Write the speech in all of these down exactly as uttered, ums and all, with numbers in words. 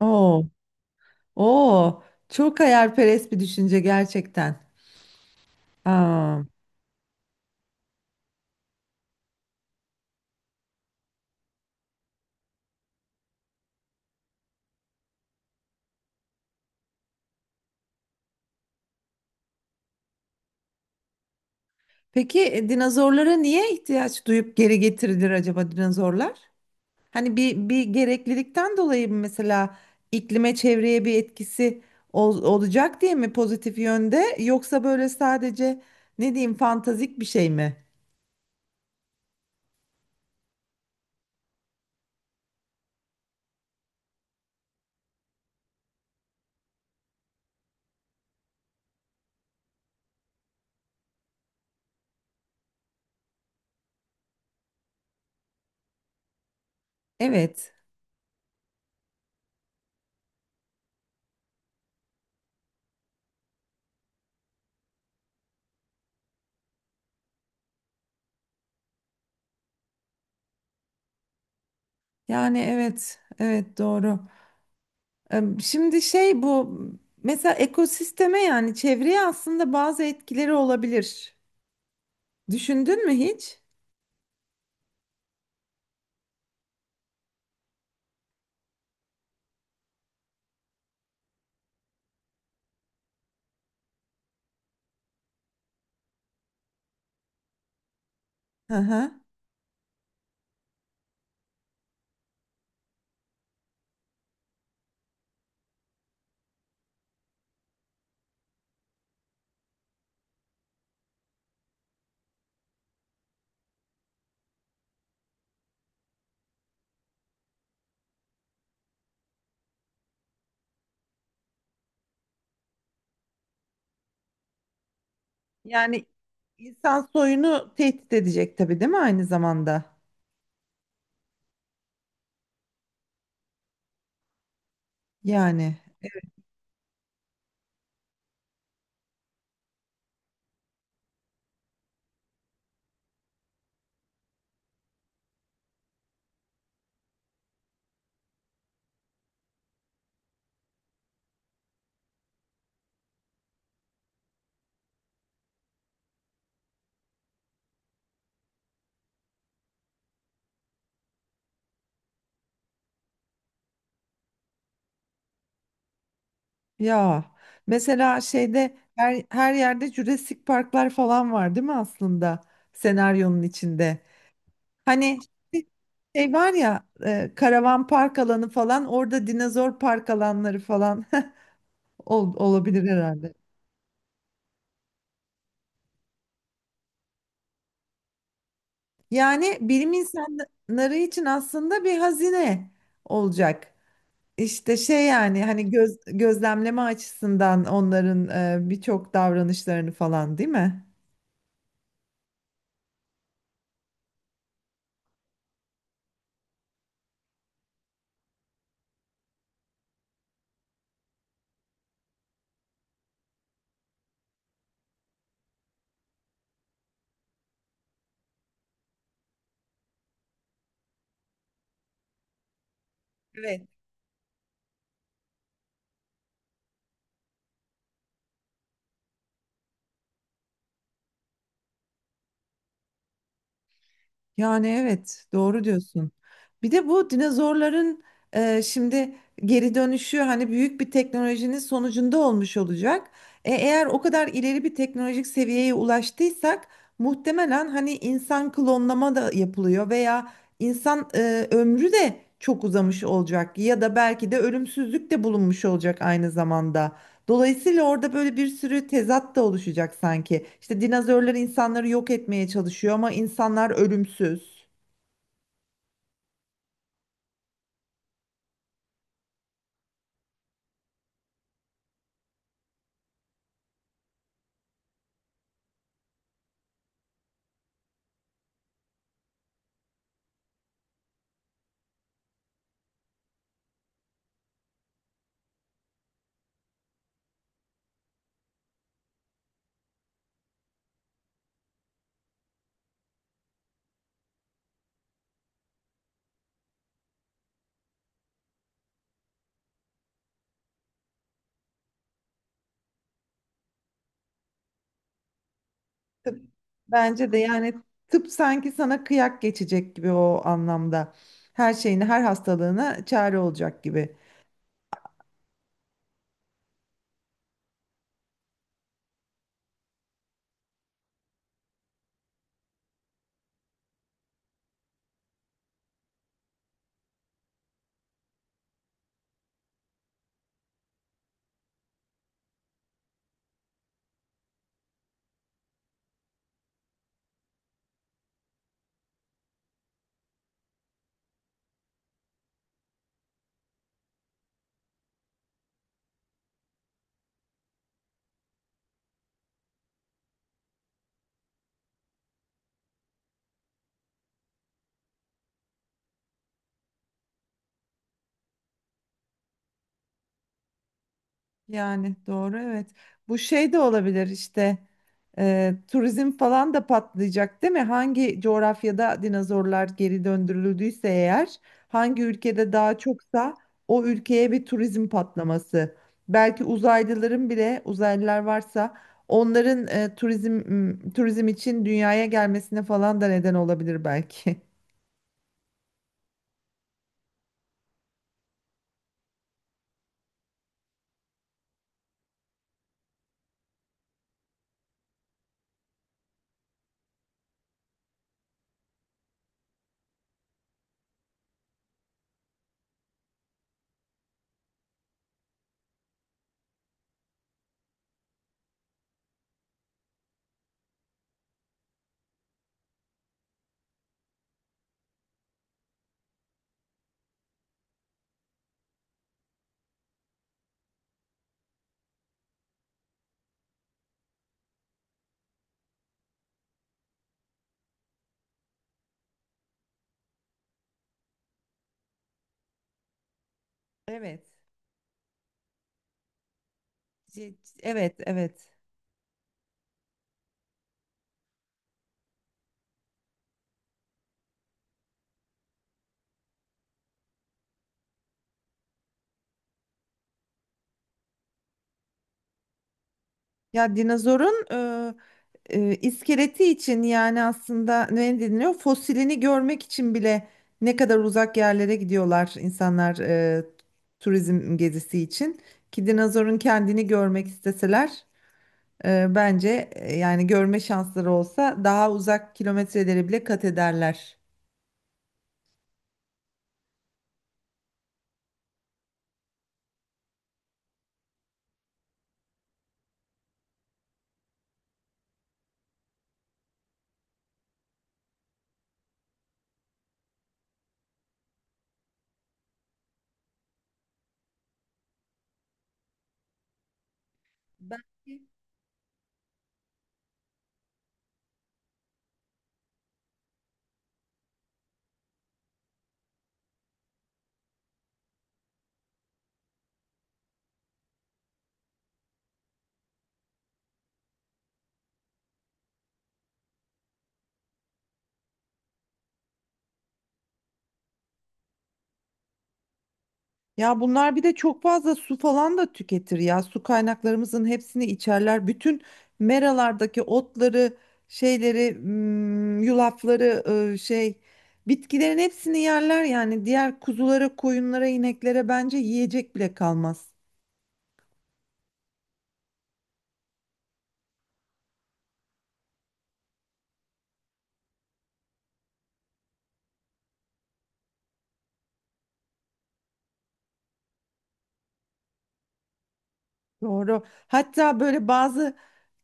Oo, oo, çok hayalperest bir düşünce gerçekten. Aa, peki e, dinozorlara niye ihtiyaç duyup geri getirilir acaba dinozorlar? Hani bir bir gereklilikten dolayı mı mesela iklime, çevreye bir etkisi ol- olacak diye mi pozitif yönde, yoksa böyle sadece ne diyeyim fantastik bir şey mi? Evet. Yani evet. Evet doğru. Em, Şimdi şey, bu mesela ekosisteme, yani çevreye aslında bazı etkileri olabilir. Düşündün mü hiç? Hı hı. Yani insan soyunu tehdit edecek tabii, değil mi aynı zamanda? Yani ya, mesela şeyde her, her yerde Jurassic Parklar falan var değil mi aslında senaryonun içinde? Hani şey var ya, e, karavan park alanı falan, orada dinozor park alanları falan ol- olabilir herhalde. Yani bilim insanları için aslında bir hazine olacak. İşte şey, yani hani göz, gözlemleme açısından onların e, birçok davranışlarını falan, değil mi? Evet. Yani evet doğru diyorsun. Bir de bu dinozorların e, şimdi geri dönüşü hani büyük bir teknolojinin sonucunda olmuş olacak. E, eğer o kadar ileri bir teknolojik seviyeye ulaştıysak muhtemelen hani insan klonlama da yapılıyor veya insan e, ömrü de çok uzamış olacak, ya da belki de ölümsüzlük de bulunmuş olacak aynı zamanda. Dolayısıyla orada böyle bir sürü tezat da oluşacak sanki. İşte dinozorlar insanları yok etmeye çalışıyor ama insanlar ölümsüz. Tıp- Bence de yani tıp sanki sana kıyak geçecek gibi o anlamda. Her şeyini, her hastalığına çare olacak gibi. Yani doğru, evet. Bu şey de olabilir işte, e, turizm falan da patlayacak değil mi? Hangi coğrafyada dinozorlar geri döndürüldüyse, eğer hangi ülkede daha çoksa o ülkeye bir turizm patlaması. Belki uzaylıların bile, uzaylılar varsa onların e, turizm, m, turizm için dünyaya gelmesine falan da neden olabilir belki. Evet. Ce- Evet, evet. Ya dinozorun e, iskeleti için, yani aslında ne deniliyor? Fosilini görmek için bile ne kadar uzak yerlere gidiyorlar insanlar, e, turizm gezisi için. Ki dinozorun kendini görmek isteseler, e, bence e, yani görme şansları olsa daha uzak kilometreleri bile kat ederler. Belki. Ya bunlar bir de çok fazla su falan da tüketir ya. Su kaynaklarımızın hepsini içerler. Bütün meralardaki otları, şeyleri, mm, yulafları, e, şey, bitkilerin hepsini yerler yani. Diğer kuzulara, koyunlara, ineklere bence yiyecek bile kalmaz. Doğru. Hatta böyle bazı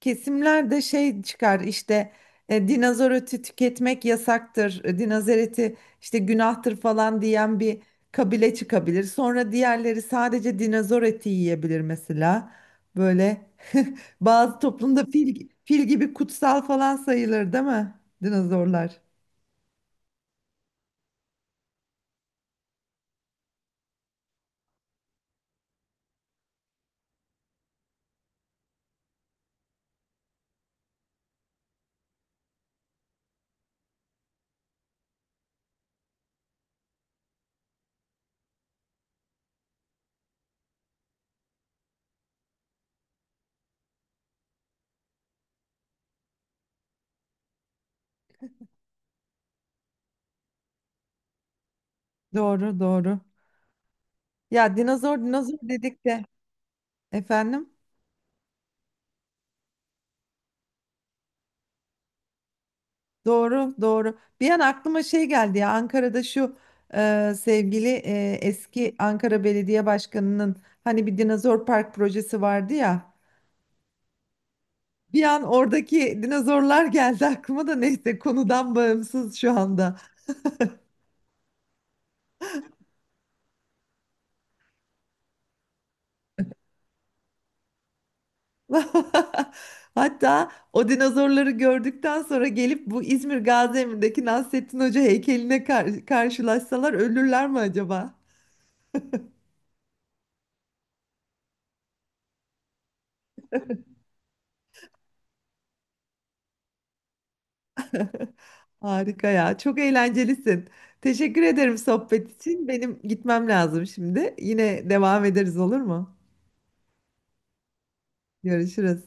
kesimlerde şey çıkar işte, e, dinozor eti tüketmek yasaktır, e, dinozor eti işte günahtır falan diyen bir kabile çıkabilir. Sonra diğerleri sadece dinozor eti yiyebilir mesela. Böyle bazı toplumda fil, fil gibi kutsal falan sayılır değil mi dinozorlar? Doğru doğru. Ya, dinozor dinozor dedik de efendim. Doğru, doğru. Bir an aklıma şey geldi ya, Ankara'da şu e, sevgili e, eski Ankara Belediye Başkanı'nın hani bir dinozor park projesi vardı ya. Bir an oradaki dinozorlar geldi aklıma da, neyse, konudan bağımsız şu anda. Hatta o dinozorları gördükten sonra gelip bu İzmir Gaziemir'deki Nasrettin Hoca heykeline kar- karşılaşsalar ölürler mi acaba? Harika ya. Çok eğlencelisin. Teşekkür ederim sohbet için. Benim gitmem lazım şimdi. Yine devam ederiz, olur mu? Görüşürüz.